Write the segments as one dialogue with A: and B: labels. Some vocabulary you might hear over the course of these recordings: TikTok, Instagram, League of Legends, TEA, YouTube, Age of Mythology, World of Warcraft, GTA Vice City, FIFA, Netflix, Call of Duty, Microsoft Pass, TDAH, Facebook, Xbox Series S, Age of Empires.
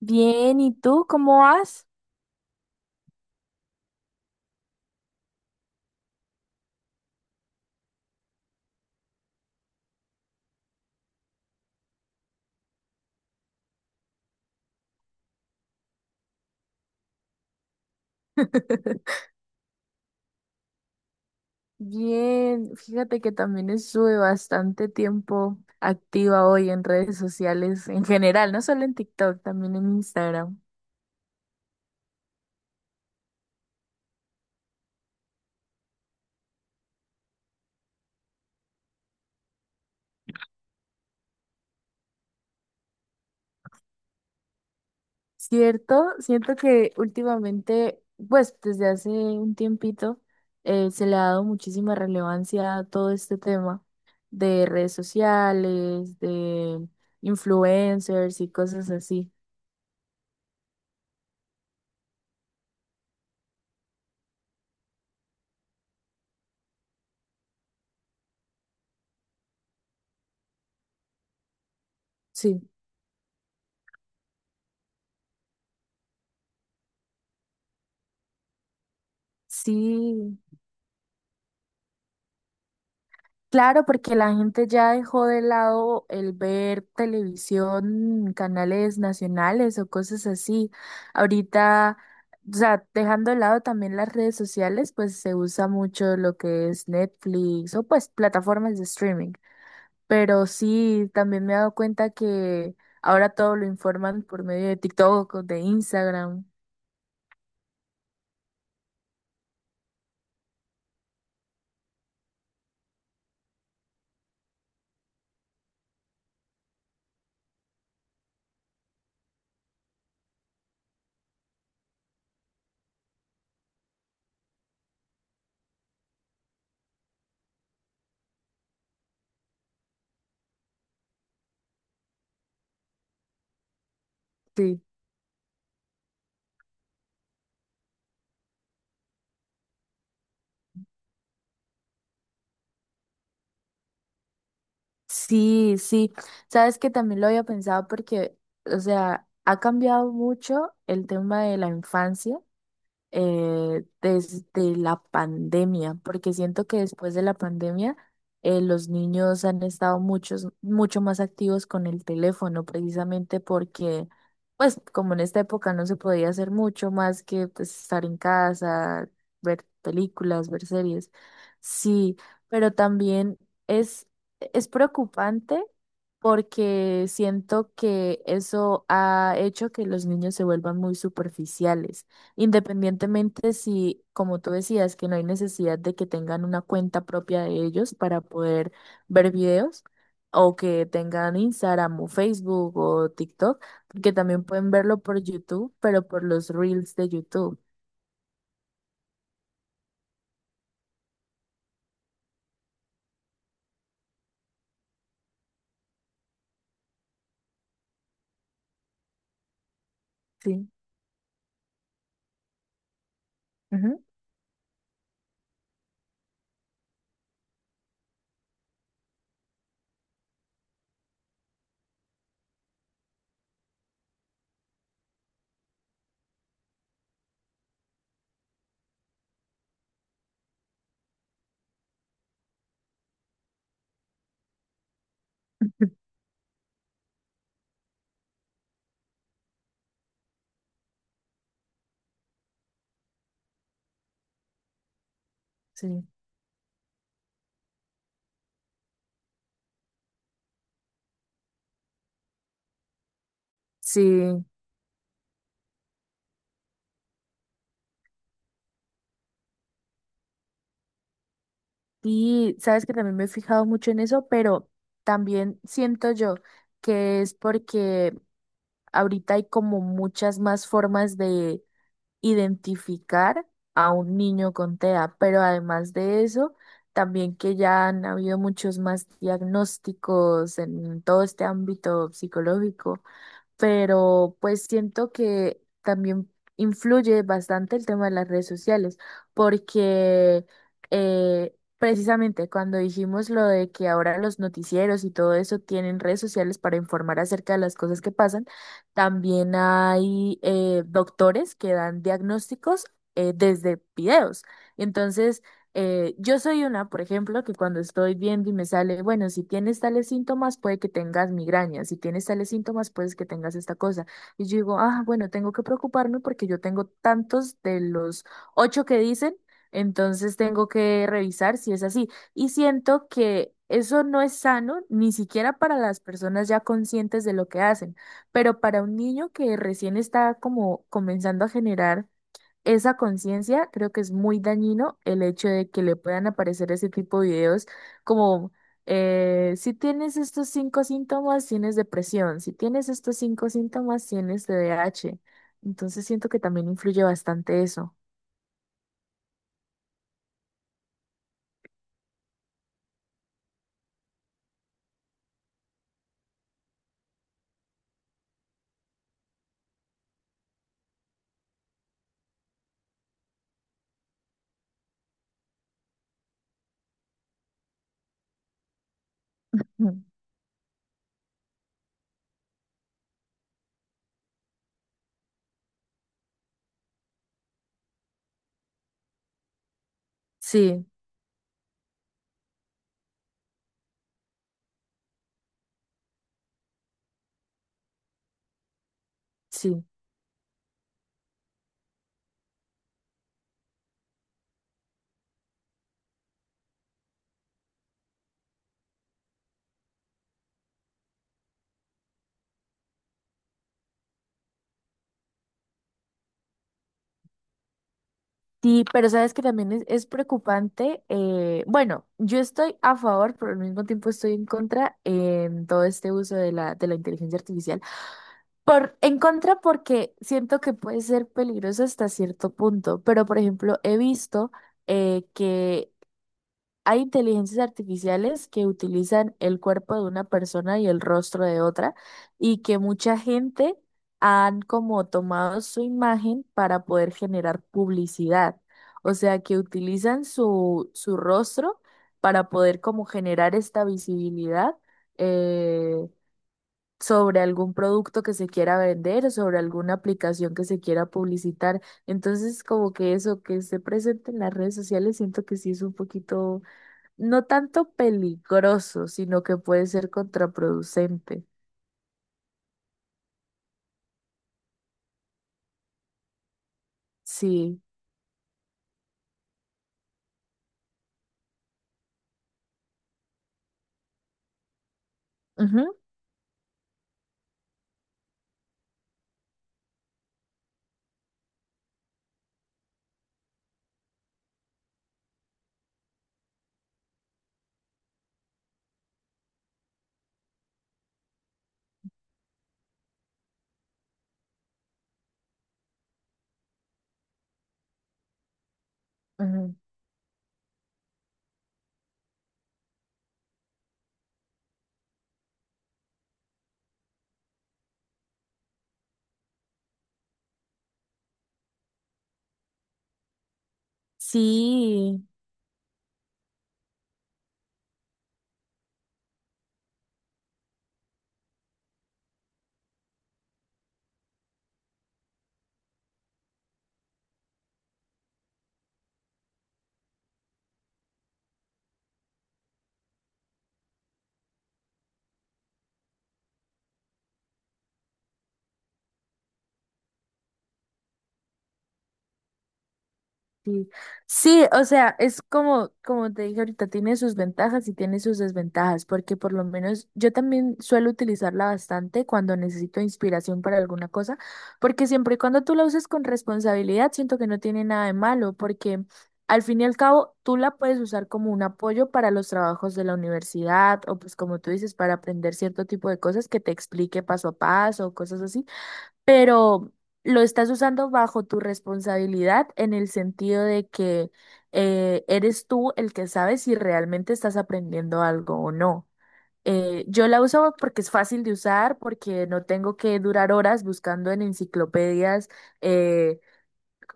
A: Bien, ¿y tú cómo vas? Bien, fíjate que también estuve bastante tiempo activa hoy en redes sociales en general, no solo en TikTok, también en Instagram. Cierto, siento que últimamente, pues desde hace un tiempito, se le ha dado muchísima relevancia a todo este tema de redes sociales, de influencers y cosas así. Sí, sí. Claro, porque la gente ya dejó de lado el ver televisión, canales nacionales o cosas así. Ahorita, o sea, dejando de lado también las redes sociales, pues se usa mucho lo que es Netflix o pues plataformas de streaming. Pero sí, también me he dado cuenta que ahora todo lo informan por medio de TikTok o de Instagram. Sí. Sí, sí. Sabes que también lo había pensado porque, o sea, ha cambiado mucho el tema de la infancia desde la pandemia, porque siento que después de la pandemia los niños han estado mucho más activos con el teléfono, precisamente porque, pues, como en esta época no se podía hacer mucho más que pues, estar en casa, ver películas, ver series. Sí, pero también es, es preocupante porque siento que eso ha hecho que los niños se vuelvan muy superficiales. Independientemente si, como tú decías, que no hay necesidad de que tengan una cuenta propia de ellos para poder ver videos o que tengan Instagram o Facebook o TikTok, porque también pueden verlo por YouTube, pero por los reels de YouTube. Sí. Ujú. Sí. Sí. Y sabes que también me he fijado mucho en eso, pero también siento yo que es porque ahorita hay como muchas más formas de identificar a un niño con TEA, pero además de eso, también que ya han habido muchos más diagnósticos en todo este ámbito psicológico, pero pues siento que también influye bastante el tema de las redes sociales, porque precisamente cuando dijimos lo de que ahora los noticieros y todo eso tienen redes sociales para informar acerca de las cosas que pasan, también hay doctores que dan diagnósticos desde videos. Entonces, yo soy una, por ejemplo, que cuando estoy viendo y me sale, bueno, si tienes tales síntomas, puede que tengas migraña, si tienes tales síntomas, puedes que tengas esta cosa. Y yo digo, ah, bueno, tengo que preocuparme porque yo tengo tantos de los ocho que dicen, entonces tengo que revisar si es así. Y siento que eso no es sano, ni siquiera para las personas ya conscientes de lo que hacen, pero para un niño que recién está como comenzando a generar esa conciencia, creo que es muy dañino el hecho de que le puedan aparecer ese tipo de videos como si tienes estos cinco síntomas, tienes depresión, si tienes estos cinco síntomas, tienes TDAH. Entonces siento que también influye bastante eso. Mm. Sí, sí. Sí, pero sabes que también es preocupante. Bueno, yo estoy a favor, pero al mismo tiempo estoy en contra en todo este uso de de la inteligencia artificial. Por, en contra porque siento que puede ser peligroso hasta cierto punto, pero por ejemplo he visto que hay inteligencias artificiales que utilizan el cuerpo de una persona y el rostro de otra, y que mucha gente han como tomado su imagen para poder generar publicidad. O sea, que utilizan su rostro para poder como generar esta visibilidad. eh, Sobre algún producto que se quiera vender, sobre alguna aplicación que se quiera publicitar. Entonces, como que eso que esté presente en las redes sociales, siento que sí es un poquito, no tanto peligroso, sino que puede ser contraproducente. Sí. Ujú, ujú. Sí. Sí, sí, o sea, es como, como te dije ahorita, tiene sus ventajas y tiene sus desventajas, porque por lo menos yo también suelo utilizarla bastante cuando necesito inspiración para alguna cosa, porque siempre y cuando tú la uses con responsabilidad, siento que no tiene nada de malo, porque al fin y al cabo tú la puedes usar como un apoyo para los trabajos de la universidad o pues como tú dices, para aprender cierto tipo de cosas que te explique paso a paso, cosas así, pero lo estás usando bajo tu responsabilidad en el sentido de que eres tú el que sabe si realmente estás aprendiendo algo o no. Yo la uso porque es fácil de usar, porque no tengo que durar horas buscando en enciclopedias eh,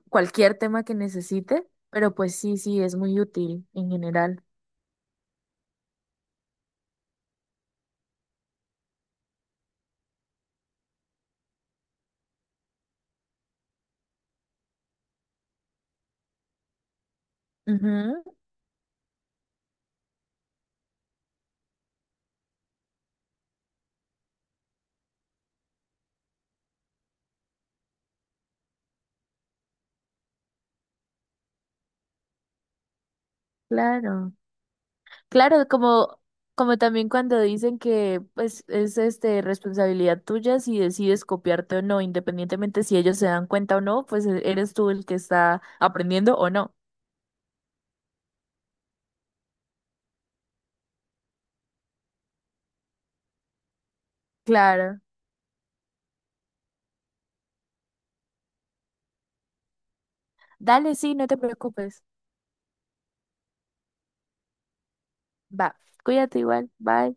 A: cualquier tema que necesite, pero pues sí, sí, es muy útil en general. Ujú, claro. Claro, como, como también cuando dicen que pues es este responsabilidad tuya si decides copiarte o no, independientemente si ellos se dan cuenta o no, pues eres tú el que está aprendiendo o no. Claro. Dale, sí, no te preocupes. Va, cuídate igual, bye.